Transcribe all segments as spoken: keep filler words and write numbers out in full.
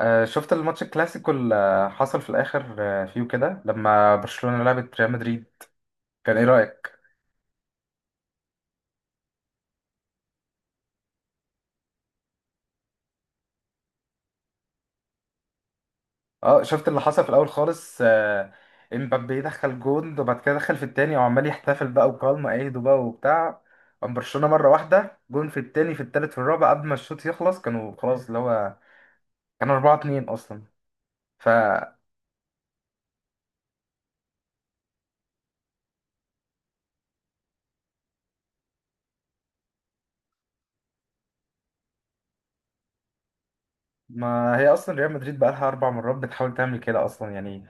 آه، شفت الماتش الكلاسيكو اللي حصل في الاخر، آه، فيه كده لما برشلونة لعبت ريال مدريد. كان ايه رأيك؟ اه شفت اللي حصل في الاول خالص، آه، امبابي دخل جون وبعد كده دخل في التاني وعمال يحتفل بقى وبالما ايده بقى وبتاع. قام برشلونة مرة واحدة، جون في التاني في التالت في الرابع قبل ما الشوط يخلص. كانوا خلاص اللي هو كانوا اربعة اتنين اصلا. فما هي اصلا ريال مدريد بقى لها اربع مرات بتحاول تعمل كده اصلا، يعني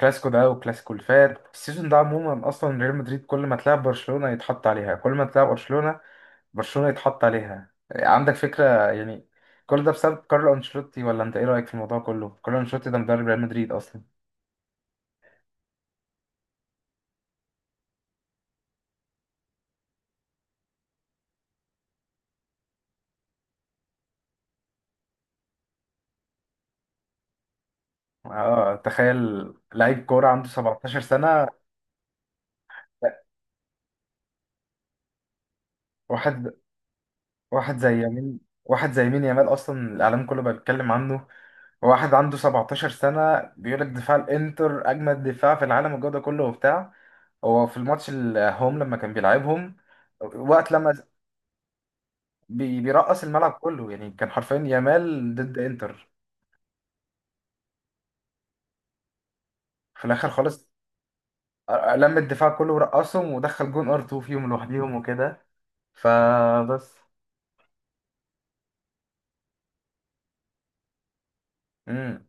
كلاسيكو ده وكلاسيكو اللي فات السيزون ده عموما. اصلا ريال مدريد كل ما تلاعب برشلونة يتحط عليها، كل ما تلاعب برشلونة برشلونة يتحط عليها، عندك فكرة؟ يعني كل ده بسبب كارلو انشيلوتي، ولا انت ايه رأيك في الموضوع كله؟ كارلو انشيلوتي ده مدرب ريال مدريد اصلا. اه تخيل لعيب كورة عنده سبعتاشر سنة. واحد واحد زي يمين، واحد زي مين. يامال اصلا الاعلام كله بقى بيتكلم عنه. واحد عنده سبعتاشر سنة بيقول لك دفاع الانتر اجمد دفاع في العالم، والجو ده كله وبتاع. هو في الماتش الهوم لما كان بيلعبهم وقت لما بي- بيرقص الملعب كله، يعني كان حرفيا يامال ضد انتر. في الاخر خالص لم الدفاع كله ورقصهم ودخل جون ار اتنين فيهم لوحديهم وكده. فبس. امم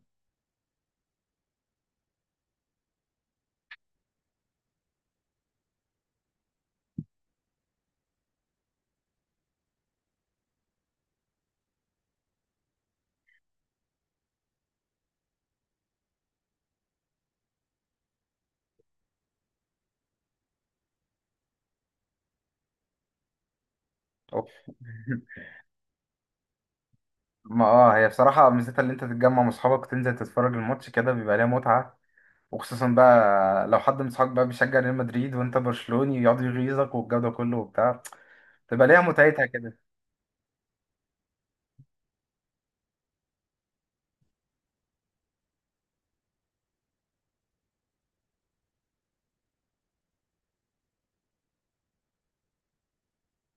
أوف. ما اه هي بصراحة ميزتها اللي انت تتجمع مع اصحابك وتنزل تتفرج الماتش كده، بيبقى ليها متعة. وخصوصا بقى لو حد من اصحابك بقى بيشجع ريال مدريد وانت برشلوني يقعد يغيظك، والجو ده كله وبتاع، تبقى ليها متعتها كده.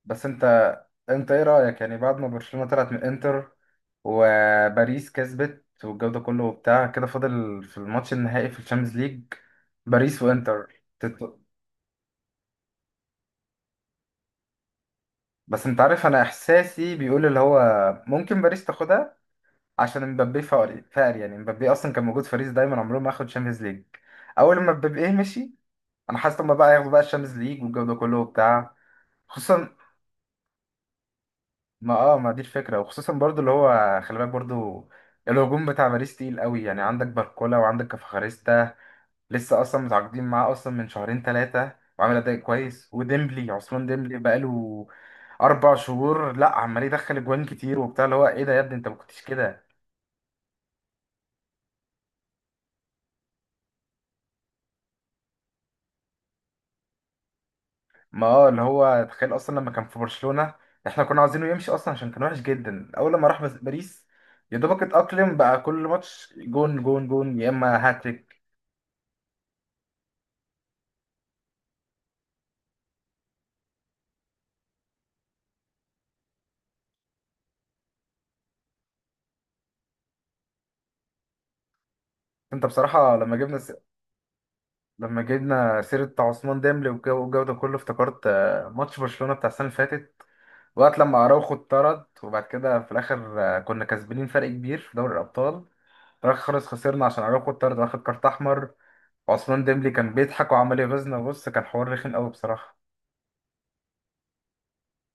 بس انت انت ايه رأيك يعني بعد ما برشلونة طلعت من انتر وباريس كسبت والجو ده كله وبتاع كده؟ فاضل في الماتش النهائي في الشامبيونز ليج باريس وانتر تت- بس انت عارف انا احساسي بيقول اللي هو ممكن باريس تاخدها. عشان مبابي فقر فقر يعني. مبابي اصلا كان موجود في باريس دايما عمره ما اخد شامبيونز ليج. اول ما مبابي إيه مشي، انا حاسس ان هما بقى ياخدوا بقى الشامبيونز ليج والجو ده كله وبتاع. خصوصا ما اه ما دي الفكره. وخصوصا برضو اللي هو خلي بالك برضو الهجوم بتاع باريس تقيل قوي. يعني عندك باركولا وعندك كفخاريستا، لسه اصلا متعاقدين معاه اصلا من شهرين ثلاثه وعامل اداء كويس. وديمبلي، عثمان ديمبلي، بقاله اربع شهور، لا عمال يدخل اجوان كتير وبتاع، اللي هو ايه ده يا ابني انت ما كنتش كده. ما اه اللي هو تخيل اصلا لما كان في برشلونة احنا كنا عايزينه يمشي اصلا عشان كان وحش جدا. اول لما راح بس- باريس، يا دوبك اتأقلم بقى. كل ماتش جون جون جون يا اما هاتريك. انت بصراحة لما جبنا س... لما جبنا سيرة بتاع عثمان ديمبلي والجو الجو ده كله، افتكرت آه، ماتش برشلونة بتاع السنة اللي فاتت وقت لما اراوخو اتطرد. وبعد كده في الاخر آه، كنا كسبانين فرق كبير في دوري الابطال. في الاخر خالص خسرنا عشان اراوخو اتطرد واخد كارت احمر. وعثمان ديمبلي كان بيضحك وعمال يغيظنا. بص كان حوار رخم قوي بصراحة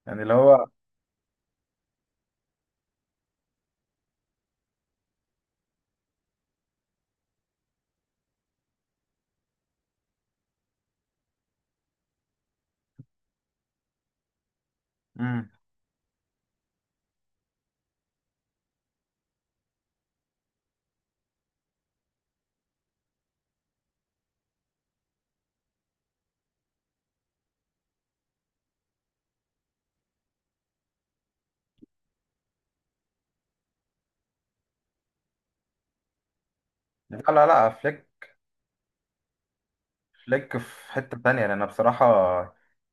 يعني اللي هو. امم لا لا لا، فليك فليك في حتة تانية، لأن بصراحة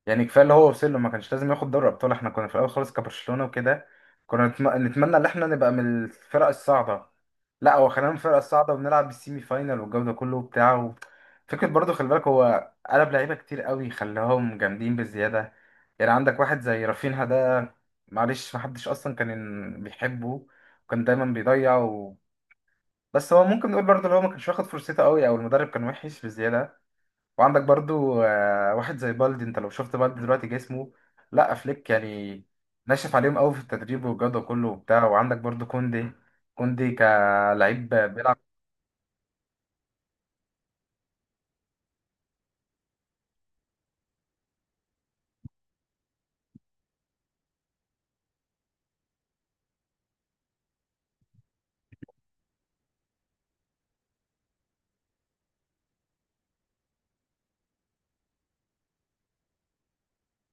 يعني كفاية اللي هو وصل له، ما كانش لازم ياخد دوري أبطال. احنا كنا في الأول خالص كبرشلونة وكده كنا نتم- نتمنى إن احنا نبقى من الفرق الصاعدة. لا هو خلينا من الفرق الصاعدة وبنلعب السيمي فاينال والجو ده كله وبتاع و... فكرة برضه خلي بالك هو قلب لعيبة كتير قوي خلاهم جامدين بالزيادة. يعني عندك واحد زي رافينها ده، معلش محدش أصلا كان بيحبه وكان دايما بيضيع، بس هو ممكن نقول برضه اللي هو ما كانش واخد فرصته قوي، او المدرب كان وحش بزياده. وعندك برضه آه، واحد زي بالدي. انت لو شفت بالدي دلوقتي جسمه، لا فليك يعني ناشف عليهم قوي في التدريب والجوده كله وبتاع. وعندك برضه كوندي. كوندي كلعيب بيلعب،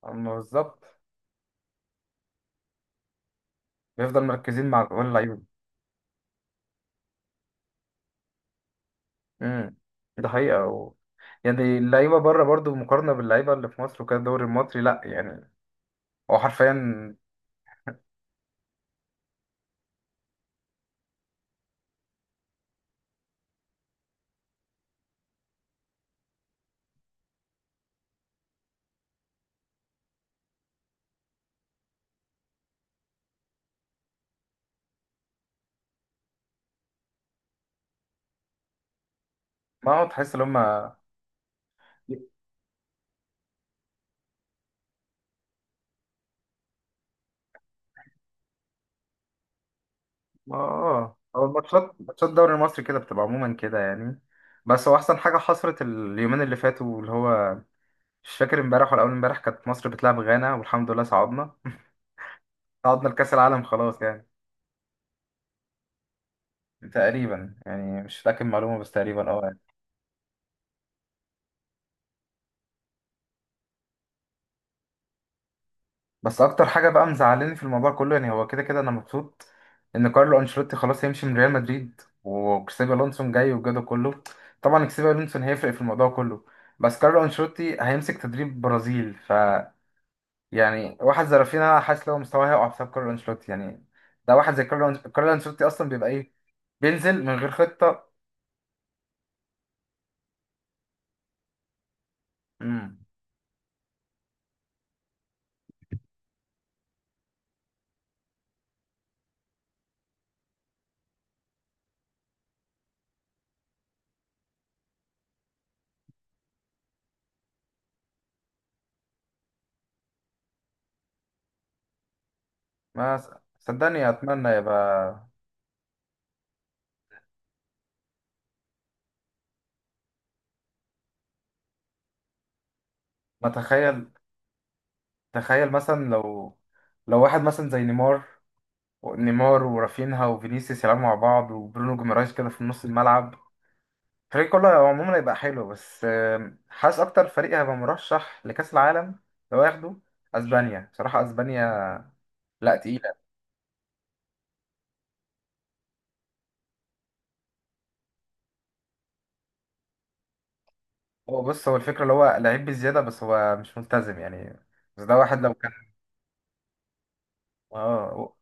بالظبط، بيفضل مركزين مع كل اللعيبه. امم ده حقيقه و... يعني اللعيبه بره برضه مقارنه باللعيبه اللي في مصر وكده الدوري المصري، لا يعني هو حرفيا. ما هو تحس ان هم. ما اه هو الماتشات ماتشات الدوري المصري كده بتبقى عموما كده يعني. بس هو احسن حاجه حصلت اليومين اللي فاتوا اللي هو مش فاكر امبارح ولا اول امبارح كانت مصر بتلعب غانا، والحمد لله صعدنا. صعدنا لكاس العالم خلاص يعني تقريبا، يعني مش فاكر معلومه بس تقريبا اه يعني. بس اكتر حاجه بقى مزعلاني في الموضوع كله يعني، هو كده كده انا مبسوط ان كارلو انشيلوتي خلاص هيمشي من ريال مدريد وكسيبي الونسون جاي والجو كله. طبعا كسيبي الونسون هيفرق في الموضوع كله. بس كارلو انشيلوتي هيمسك تدريب برازيل. ف يعني واحد زي رافينيا حاسس لو مستواه هيقع بسبب كارلو انشيلوتي يعني. ده واحد زي كارلو أنش- كارلو انشيلوتي اصلا بيبقى ايه؟ بينزل من غير خطة. امم ما س- صدقني اتمنى يبقى. ما تخيل. تخيل مثلا لو لو واحد مثلا زي نيمار نيمار ورافينها وفينيسيوس يلعبوا مع بعض وبرونو جيمارايز كده في نص الملعب. الفريق كله عموما هيبقى حلو. بس آم، حاسس اكتر فريق هيبقى مرشح لكأس العالم لو ياخده، اسبانيا بصراحة. اسبانيا لا تقيل. هو بص هو الفكرة اللي هو لعيب بزيادة بس هو مش ملتزم يعني. بس ده واحد لو كان اه.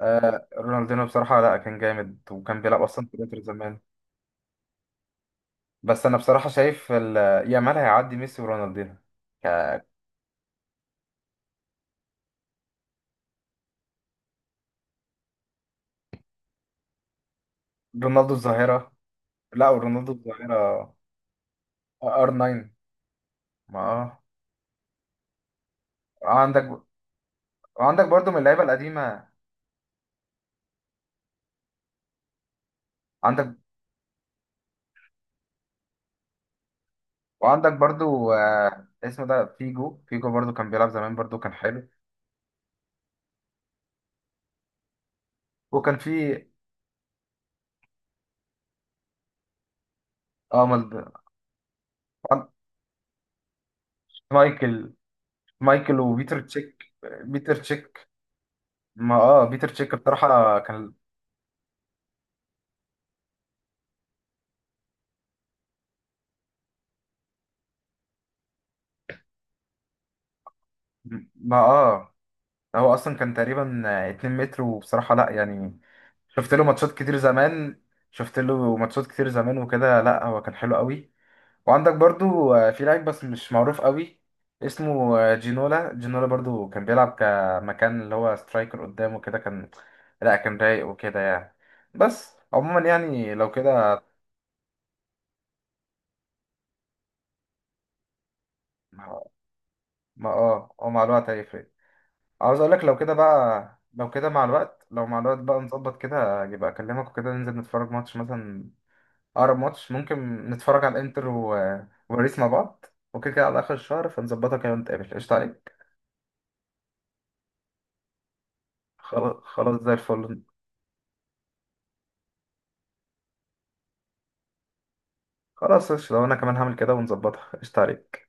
آه، رونالدينو بصراحة، لا كان جامد وكان بيلعب أصلا في الإنتر زمان. بس أنا بصراحة شايف ال- يامال هيعدي ميسي ورونالدينو. ك- رونالدو الظاهرة. لا ورونالدو الظاهرة. ار ناين. ما اه عندك. وعندك برضو من اللعيبة القديمة عندك. وعندك برضو آه، اسمه ده فيجو. فيجو برضو كان بيلعب زمان برضو كان حلو. وكان في اه مالد- مايكل. مايكل وبيتر تشيك. بيتر تشيك ما اه بيتر تشيك بصراحة كان. ما اه هو اصلا كان تقريبا اتنين متر، وبصراحة لا يعني شفت له ماتشات كتير زمان. شفت له ماتشات كتير زمان وكده لا هو كان حلو قوي. وعندك برضو آه، في لعيب بس مش معروف قوي، اسمه آه، جينولا. جينولا برضو كان بيلعب كمكان اللي هو سترايكر قدامه كده، كان لا كان رايق وكده يعني. بس عموما يعني لو كده ما ما- اه او مع الوقت هيفرق. عاوز اقول لك لو كده بقى، لو كده مع الوقت، لو مع الوقت بقى نظبط كده، يبقى اكلمك وكده ننزل نتفرج ماتش مثلا. اقرب ماتش ممكن نتفرج على الانتر و... وباريس مع بعض وكده كده على اخر الشهر. فنظبطها كده ونتقابل، قشطة عليك. خلاص خلاص زي الفل. خلاص قشطة وانا كمان هعمل كده ونظبطها، قشطة عليك.